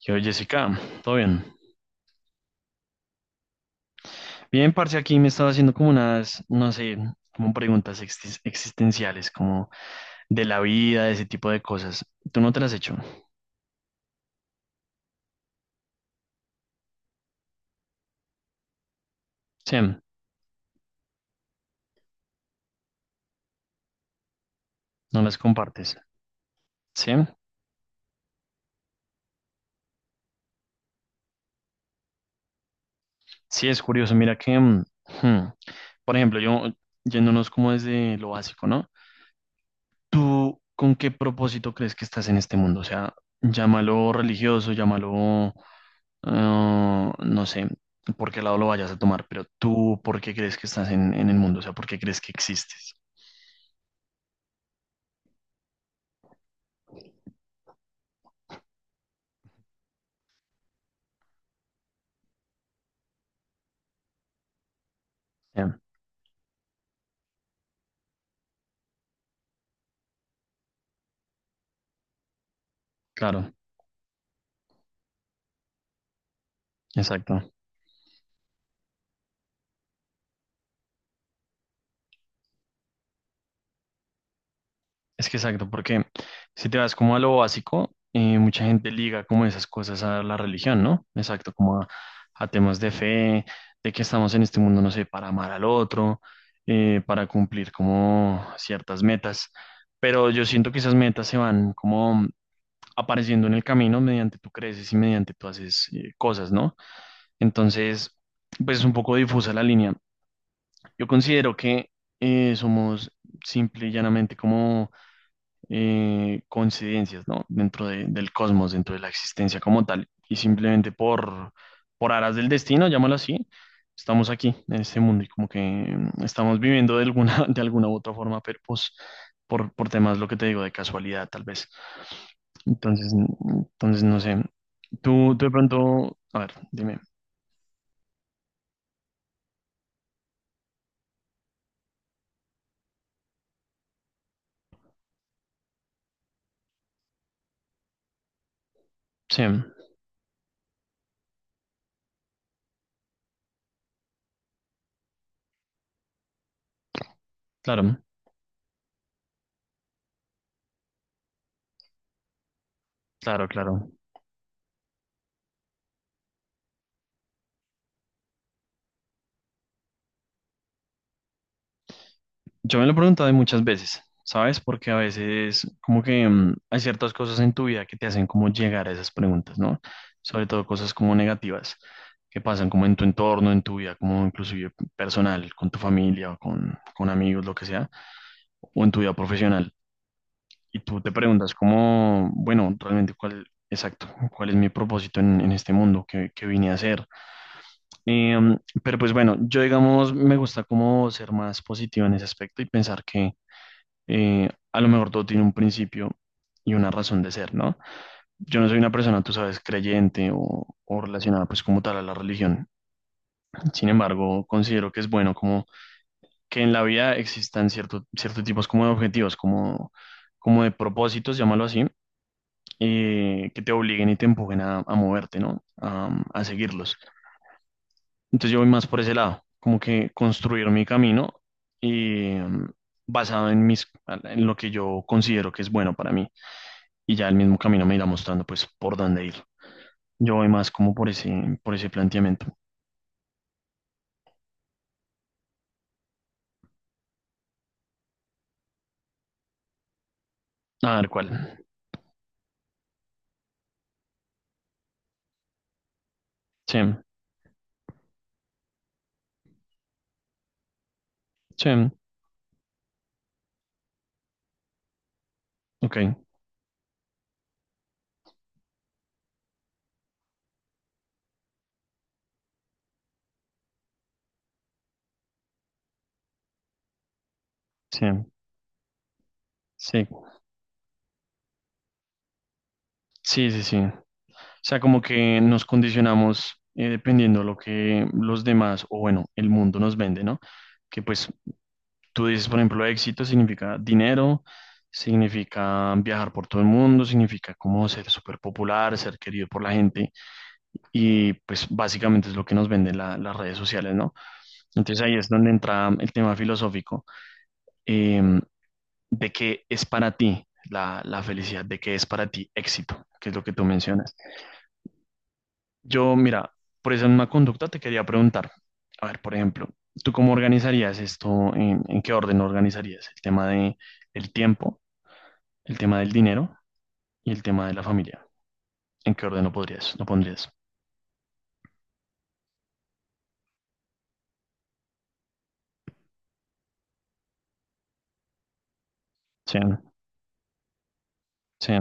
Yo, Jessica, ¿todo bien? Bien, parce, aquí me estaba haciendo como unas, no sé, como preguntas existenciales, como de la vida, de ese tipo de cosas. ¿Tú no te las has hecho? Sí, no las compartes. Sí, sí, es curioso. Mira que, hmm, por ejemplo, yo, yéndonos como desde lo básico, ¿no? ¿Tú con qué propósito crees que estás en este mundo? O sea, llámalo religioso, llámalo ah, no sé por qué lado lo vayas a tomar, pero tú, ¿por qué crees que estás en el mundo? O sea, ¿por qué crees que existes? Ya, claro, exacto. Es que exacto, porque si te vas como a lo básico, mucha gente liga como esas cosas a la religión, ¿no? Exacto, como a temas de fe, de que estamos en este mundo, no sé, para amar al otro, para cumplir como ciertas metas. Pero yo siento que esas metas se van como apareciendo en el camino mediante tú creces y mediante tú haces cosas, ¿no? Entonces, pues es un poco difusa la línea. Yo considero que somos simple y llanamente como coincidencias, ¿no? Dentro del cosmos, dentro de la existencia como tal. Y simplemente por aras del destino, llámalo así, estamos aquí en este mundo y como que estamos viviendo de alguna, de alguna u otra forma, pero pues por temas, lo que te digo, de casualidad, tal vez. Entonces, no sé. Tú de pronto, a ver, dime. Sí, claro, claro, claro. Yo me lo he preguntado muchas veces, ¿sabes? Porque a veces como que hay ciertas cosas en tu vida que te hacen como llegar a esas preguntas, ¿no? Sobre todo cosas como negativas que pasan como en tu entorno, en tu vida, como inclusive personal, con tu familia o con amigos, lo que sea, o en tu vida profesional. Y tú te preguntas cómo, bueno, realmente cuál, exacto, cuál es mi propósito en este mundo que vine a hacer. Pero pues bueno, yo digamos, me gusta como ser más positivo en ese aspecto y pensar que a lo mejor todo tiene un principio y una razón de ser, ¿no? Yo no soy una persona, tú sabes, creyente o relacionada pues como tal a la religión. Sin embargo, considero que es bueno como que en la vida existan ciertos tipos como de objetivos, como de propósitos, llámalo así, que te obliguen y te empujen a moverte, ¿no? A seguirlos. Entonces yo voy más por ese lado, como que construir mi camino y basado en mis, en lo que yo considero que es bueno para mí. Y ya el mismo camino me irá mostrando pues por dónde ir. Yo voy más como por ese planteamiento. A ver cuál. Sí, sí, ok, sí, sí. Sí, sí, sí. O sea, como que nos condicionamos dependiendo lo que los demás, o bueno, el mundo nos vende, ¿no? Que pues tú dices, por ejemplo, éxito significa dinero, significa viajar por todo el mundo, significa como ser súper popular, ser querido por la gente, y pues básicamente es lo que nos venden las redes sociales, ¿no? Entonces ahí es donde entra el tema filosófico. Em, de qué es para ti la felicidad, de qué es para ti éxito, que es lo que tú mencionas. Yo, mira, por esa misma conducta te quería preguntar, a ver, por ejemplo, ¿tú cómo organizarías esto? ¿En qué orden organizarías? El tema de el tiempo, el tema del dinero y el tema de la familia. ¿En qué orden lo podrías, lo pondrías? Sí, sí,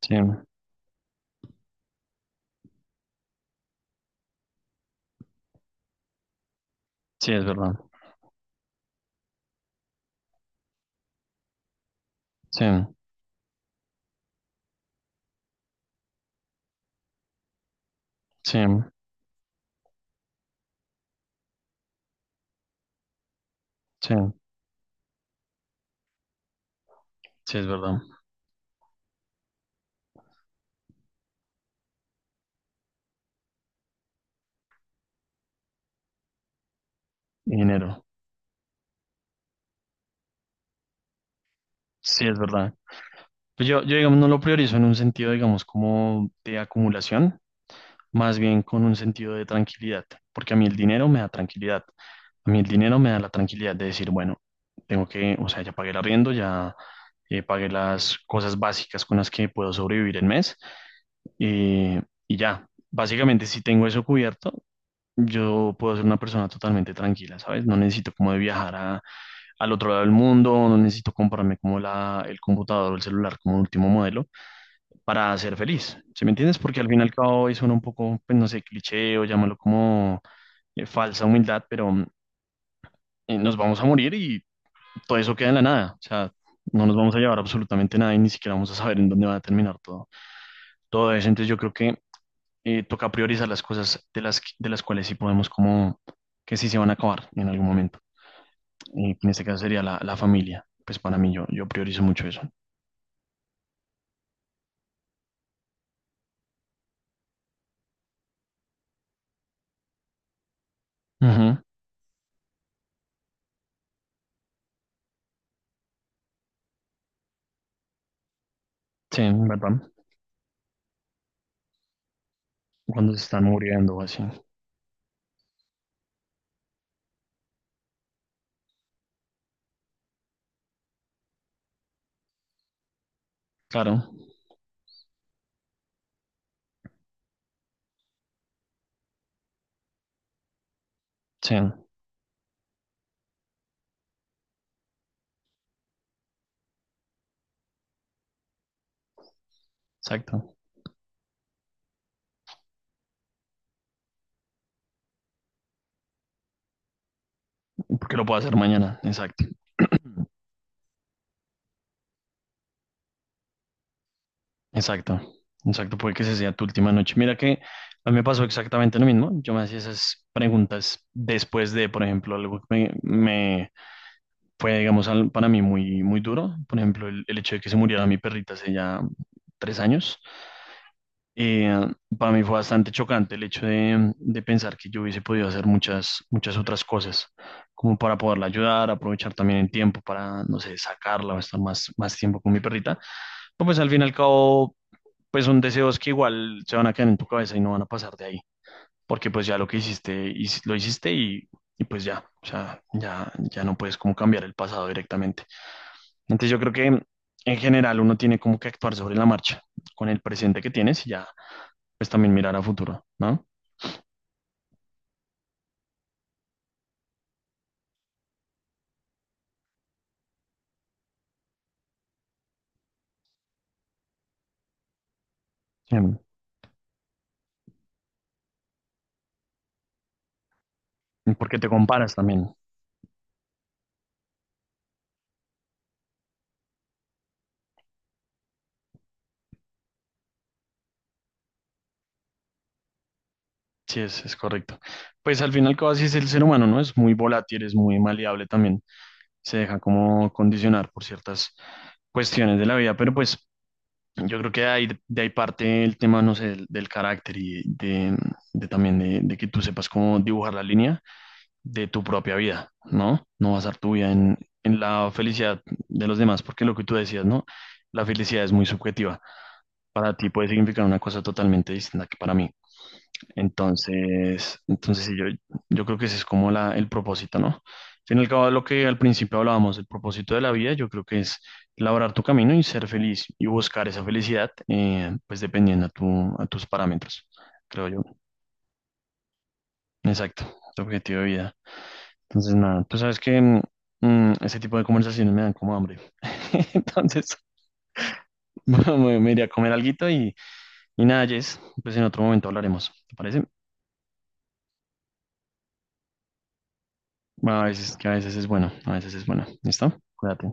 sí, sí, es verdad. Sí, sí, sí, sí, es verdad. Dinero. Sí, es verdad. Pues yo, digamos, no lo priorizo en un sentido, digamos, como de acumulación, más bien con un sentido de tranquilidad, porque a mí el dinero me da tranquilidad. A mí el dinero me da la tranquilidad de decir, bueno, tengo que, o sea, ya pagué el arriendo, ya pagué las cosas básicas con las que puedo sobrevivir el mes eh, y ya. Básicamente, si tengo eso cubierto, yo puedo ser una persona totalmente tranquila, ¿sabes? No necesito como de viajar al otro lado del mundo, no necesito comprarme como el computador o el celular como último modelo para ser feliz, ¿sí me entiendes? Porque al fin y al cabo eso suena un poco, pues no sé, cliché o llámalo como falsa humildad, pero nos vamos a morir y todo eso queda en la nada. O sea, no nos vamos a llevar absolutamente nada y ni siquiera vamos a saber en dónde va a terminar todo eso. Entonces yo creo que toca priorizar las cosas de las cuales sí podemos como que sí se van a acabar en algún momento. Y en este caso sería la familia. Pues para mí yo priorizo mucho eso. Ujú, sí, ¿verdad? Cuando se están muriendo o así. Claro, sí, exacto. Porque lo puedo hacer mañana, exacto. Exacto, exacto, puede que esa sea tu última noche. Mira que a mí me pasó exactamente lo mismo. Yo me hacía esas preguntas después de, por ejemplo, algo que me fue, digamos, para mí muy, muy duro. Por ejemplo, el hecho de que se muriera mi perrita hace ya 3 años. Eh, para mí fue bastante chocante el hecho de pensar que yo hubiese podido hacer muchas, muchas otras cosas, como para poderla ayudar, aprovechar también el tiempo para, no sé, sacarla o estar más, más tiempo con mi perrita. Pues al fin y al cabo pues son deseos que igual se van a quedar en tu cabeza y no van a pasar de ahí, porque pues ya lo que hiciste, lo hiciste y pues ya, o sea, ya no puedes como cambiar el pasado directamente. Entonces yo creo que en general uno tiene como que actuar sobre la marcha, con el presente que tienes y ya, pues también mirar a futuro, ¿no? Em, Porque te comparas también. Sí, es correcto. Pues al final, casi es el ser humano, ¿no? Es muy volátil, es muy maleable también. Se deja como condicionar por ciertas cuestiones de la vida, pero pues yo creo que hay, de ahí parte el tema, no sé, del carácter y de también de que tú sepas cómo dibujar la línea de tu propia vida, ¿no? No basar tu vida en, la felicidad de los demás, porque lo que tú decías, ¿no? La felicidad es muy subjetiva. Para ti puede significar una cosa totalmente distinta que para mí. Entonces, sí, yo creo que ese es como el propósito, ¿no? Al fin y al cabo, lo que al principio hablábamos, el propósito de la vida, yo creo que es labrar tu camino y ser feliz y buscar esa felicidad, pues dependiendo a tus parámetros, creo yo. Exacto, tu objetivo de vida. Entonces, nada, tú sabes que ese tipo de conversaciones me dan como hambre. Entonces, bueno, me iré a comer alguito y nada, Jess, pues en otro momento hablaremos, ¿te parece? Bueno, que a veces es bueno, a veces es bueno. ¿Listo? Cuídate.